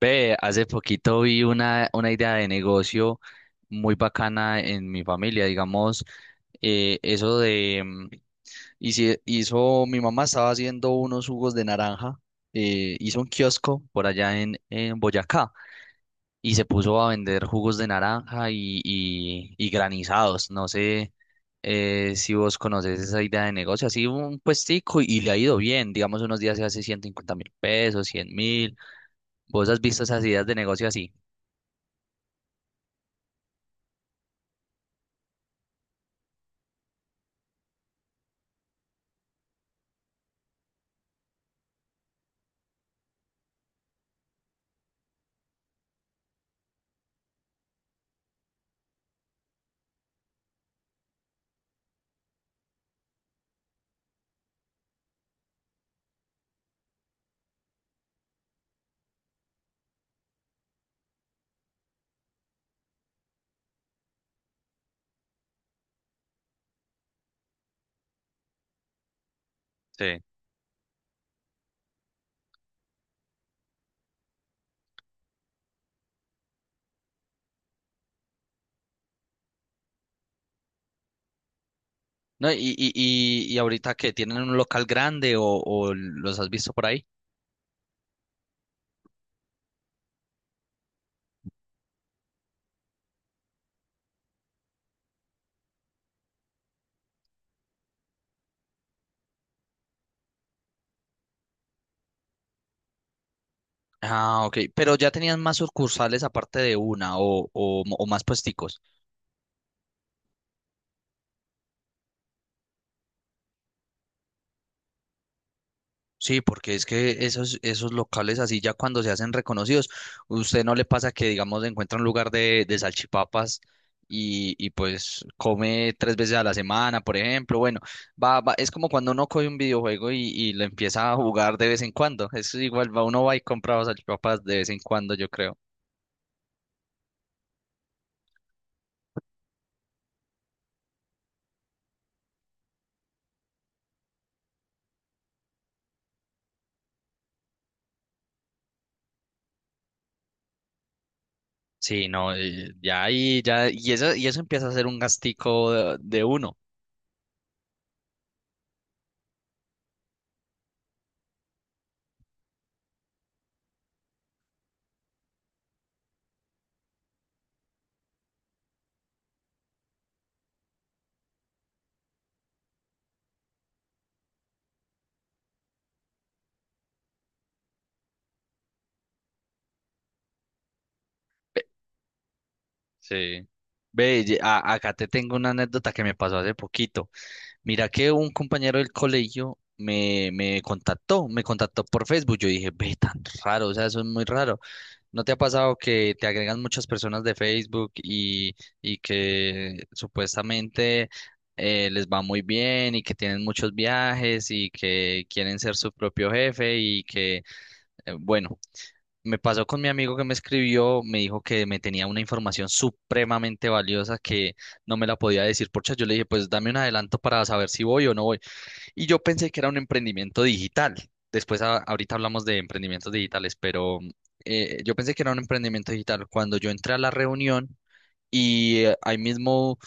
Ve, hace poquito vi una idea de negocio muy bacana en mi familia, digamos, eso de, y si hizo, mi mamá estaba haciendo unos jugos de naranja, hizo un kiosco por allá en Boyacá y se puso a vender jugos de naranja y granizados, no sé. Si vos conoces esa idea de negocio, así un puestico y le ha ido bien, digamos, unos días se hace 150.000 pesos, 100.000. ¿Vos has visto esas ideas de negocio así? Sí. No, y ahorita que tienen un local grande, o, ¿o los has visto por ahí? Ah, ok. Pero ya tenían más sucursales aparte de una, o más puesticos. Sí, porque es que esos locales así ya cuando se hacen reconocidos, usted no le pasa que, digamos, encuentra un lugar de salchipapas y pues come 3 veces a la semana, por ejemplo. Bueno, va, es como cuando uno coge un videojuego y lo empieza a jugar de vez en cuando. Es igual, va, uno va y compra salchipapas de vez en cuando, yo creo. Sí, no, ya ahí, ya, y eso empieza a ser un gastico de uno. Ve, sí, ve, acá te tengo una anécdota que me pasó hace poquito. Mira que un compañero del colegio me contactó por Facebook. Yo dije, ve, tan raro, o sea, eso es muy raro. ¿No te ha pasado que te agregan muchas personas de Facebook y que supuestamente les va muy bien y que tienen muchos viajes y que quieren ser su propio jefe y que... Bueno, me pasó con mi amigo que me escribió, me dijo que me tenía una información supremamente valiosa que no me la podía decir por chat. Yo le dije, pues dame un adelanto para saber si voy o no voy. Y yo pensé que era un emprendimiento digital. Después, ahorita hablamos de emprendimientos digitales, pero yo pensé que era un emprendimiento digital. Cuando yo entré a la reunión ahí mismo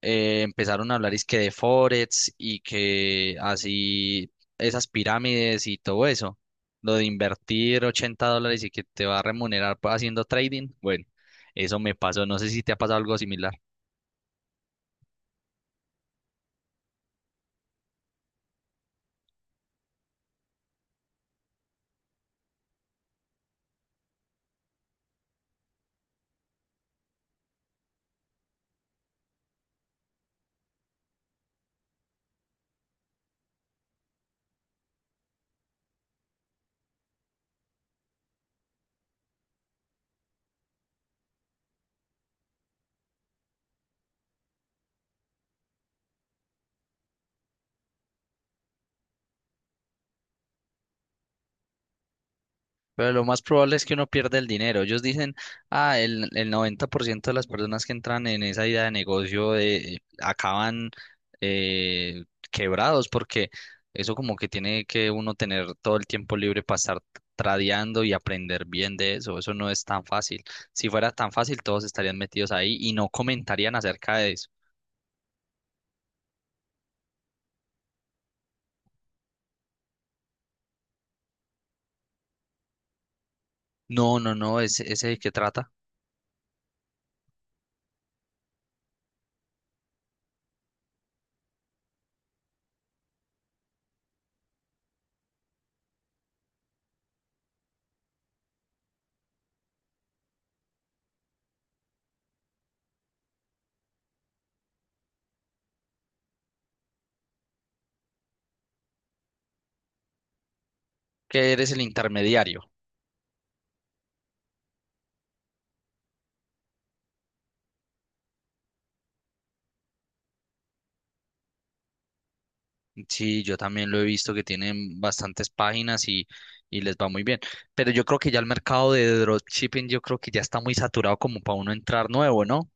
empezaron a hablar es que de Forex y que así esas pirámides y todo eso, lo de invertir $80 y que te va a remunerar haciendo trading, bueno, eso me pasó, no sé si te ha pasado algo similar. Pero lo más probable es que uno pierda el dinero. Ellos dicen, ah, el 90% de las personas que entran en esa idea de negocio acaban eh, quebrados, porque eso como que tiene que uno tener todo el tiempo libre para estar tradeando y aprender bien de eso. Eso no es tan fácil. Si fuera tan fácil, todos estarían metidos ahí y no comentarían acerca de... No, no, no, ese es el que trata. Que eres el intermediario. Sí, yo también lo he visto que tienen bastantes páginas y les va muy bien. Pero yo creo que ya el mercado de dropshipping, yo creo que ya está muy saturado como para uno entrar nuevo, ¿no?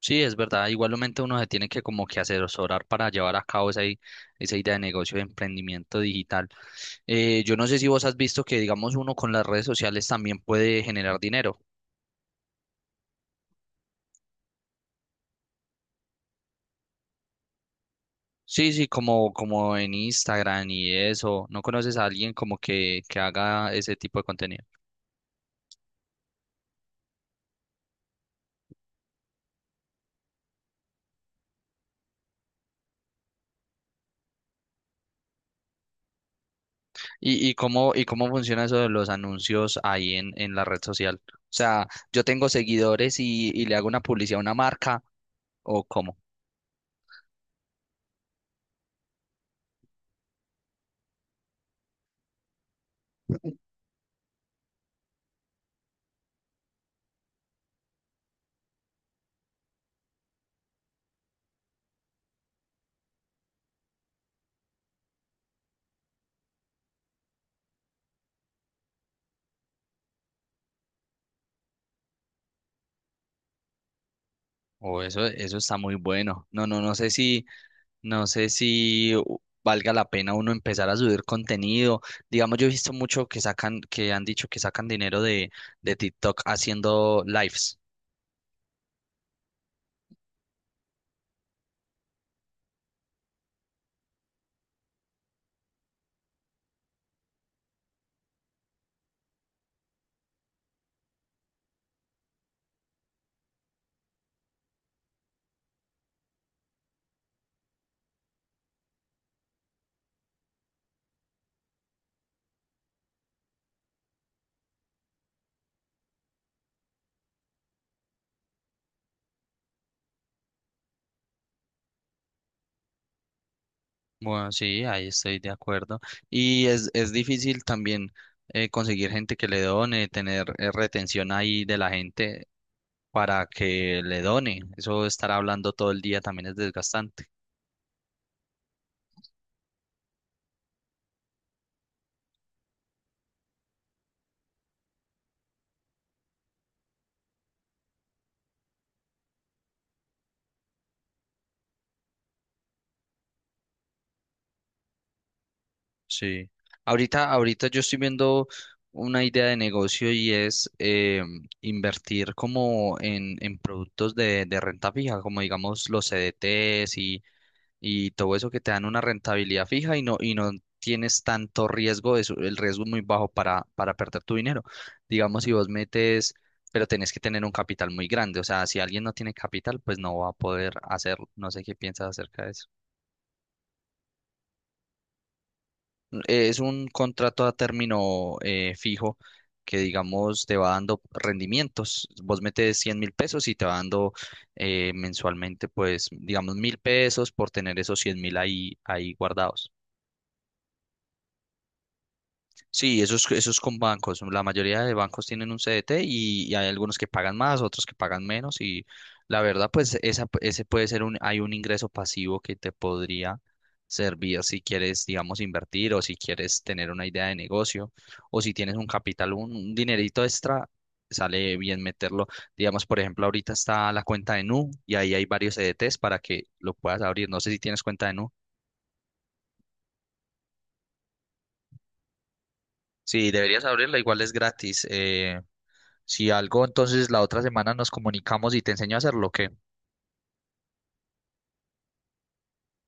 Sí, es verdad. Igualmente uno se tiene que como que asesorar para llevar a cabo esa idea de negocio de emprendimiento digital. Yo no sé si vos has visto que, digamos, uno con las redes sociales también puede generar dinero. Sí, sí, como, como en Instagram y eso. ¿No conoces a alguien como que haga ese tipo de contenido? ¿Y cómo funciona eso de los anuncios ahí en la red social? O sea, yo tengo seguidores y le hago una publicidad a una marca, ¿o cómo? O eso, está muy bueno. No, no, no sé si valga la pena uno empezar a subir contenido. Digamos, yo he visto mucho que sacan, que han dicho que sacan dinero de TikTok haciendo lives. Bueno, sí, ahí estoy de acuerdo. Y es difícil también conseguir gente que le done, tener retención ahí de la gente para que le done. Eso estar hablando todo el día también es desgastante. Sí. Ahorita yo estoy viendo una idea de negocio y es invertir como en productos de renta fija, como digamos los CDTs y todo eso que te dan una rentabilidad fija y no tienes tanto riesgo, eso, el riesgo es muy bajo para perder tu dinero. Digamos, si vos metes, pero tenés que tener un capital muy grande. O sea, si alguien no tiene capital, pues no va a poder hacerlo. No sé qué piensas acerca de eso. Es un contrato a término fijo que, digamos, te va dando rendimientos. Vos metes 100.000 pesos y te va dando mensualmente, pues, digamos, 1.000 pesos por tener esos 100.000 ahí, ahí guardados. Sí, eso es con bancos. La mayoría de bancos tienen un CDT y hay algunos que pagan más, otros que pagan menos. Y la verdad, pues esa, ese puede ser un, hay un ingreso pasivo que te podría servir si quieres, digamos, invertir o si quieres tener una idea de negocio o si tienes un capital, un dinerito extra, sale bien meterlo. Digamos, por ejemplo, ahorita está la cuenta de Nu y ahí hay varios CDTs para que lo puedas abrir. No sé si tienes cuenta de Nu. Sí, deberías abrirla, igual es gratis. Si algo, entonces la otra semana nos comunicamos y te enseño a hacerlo, ¿ok?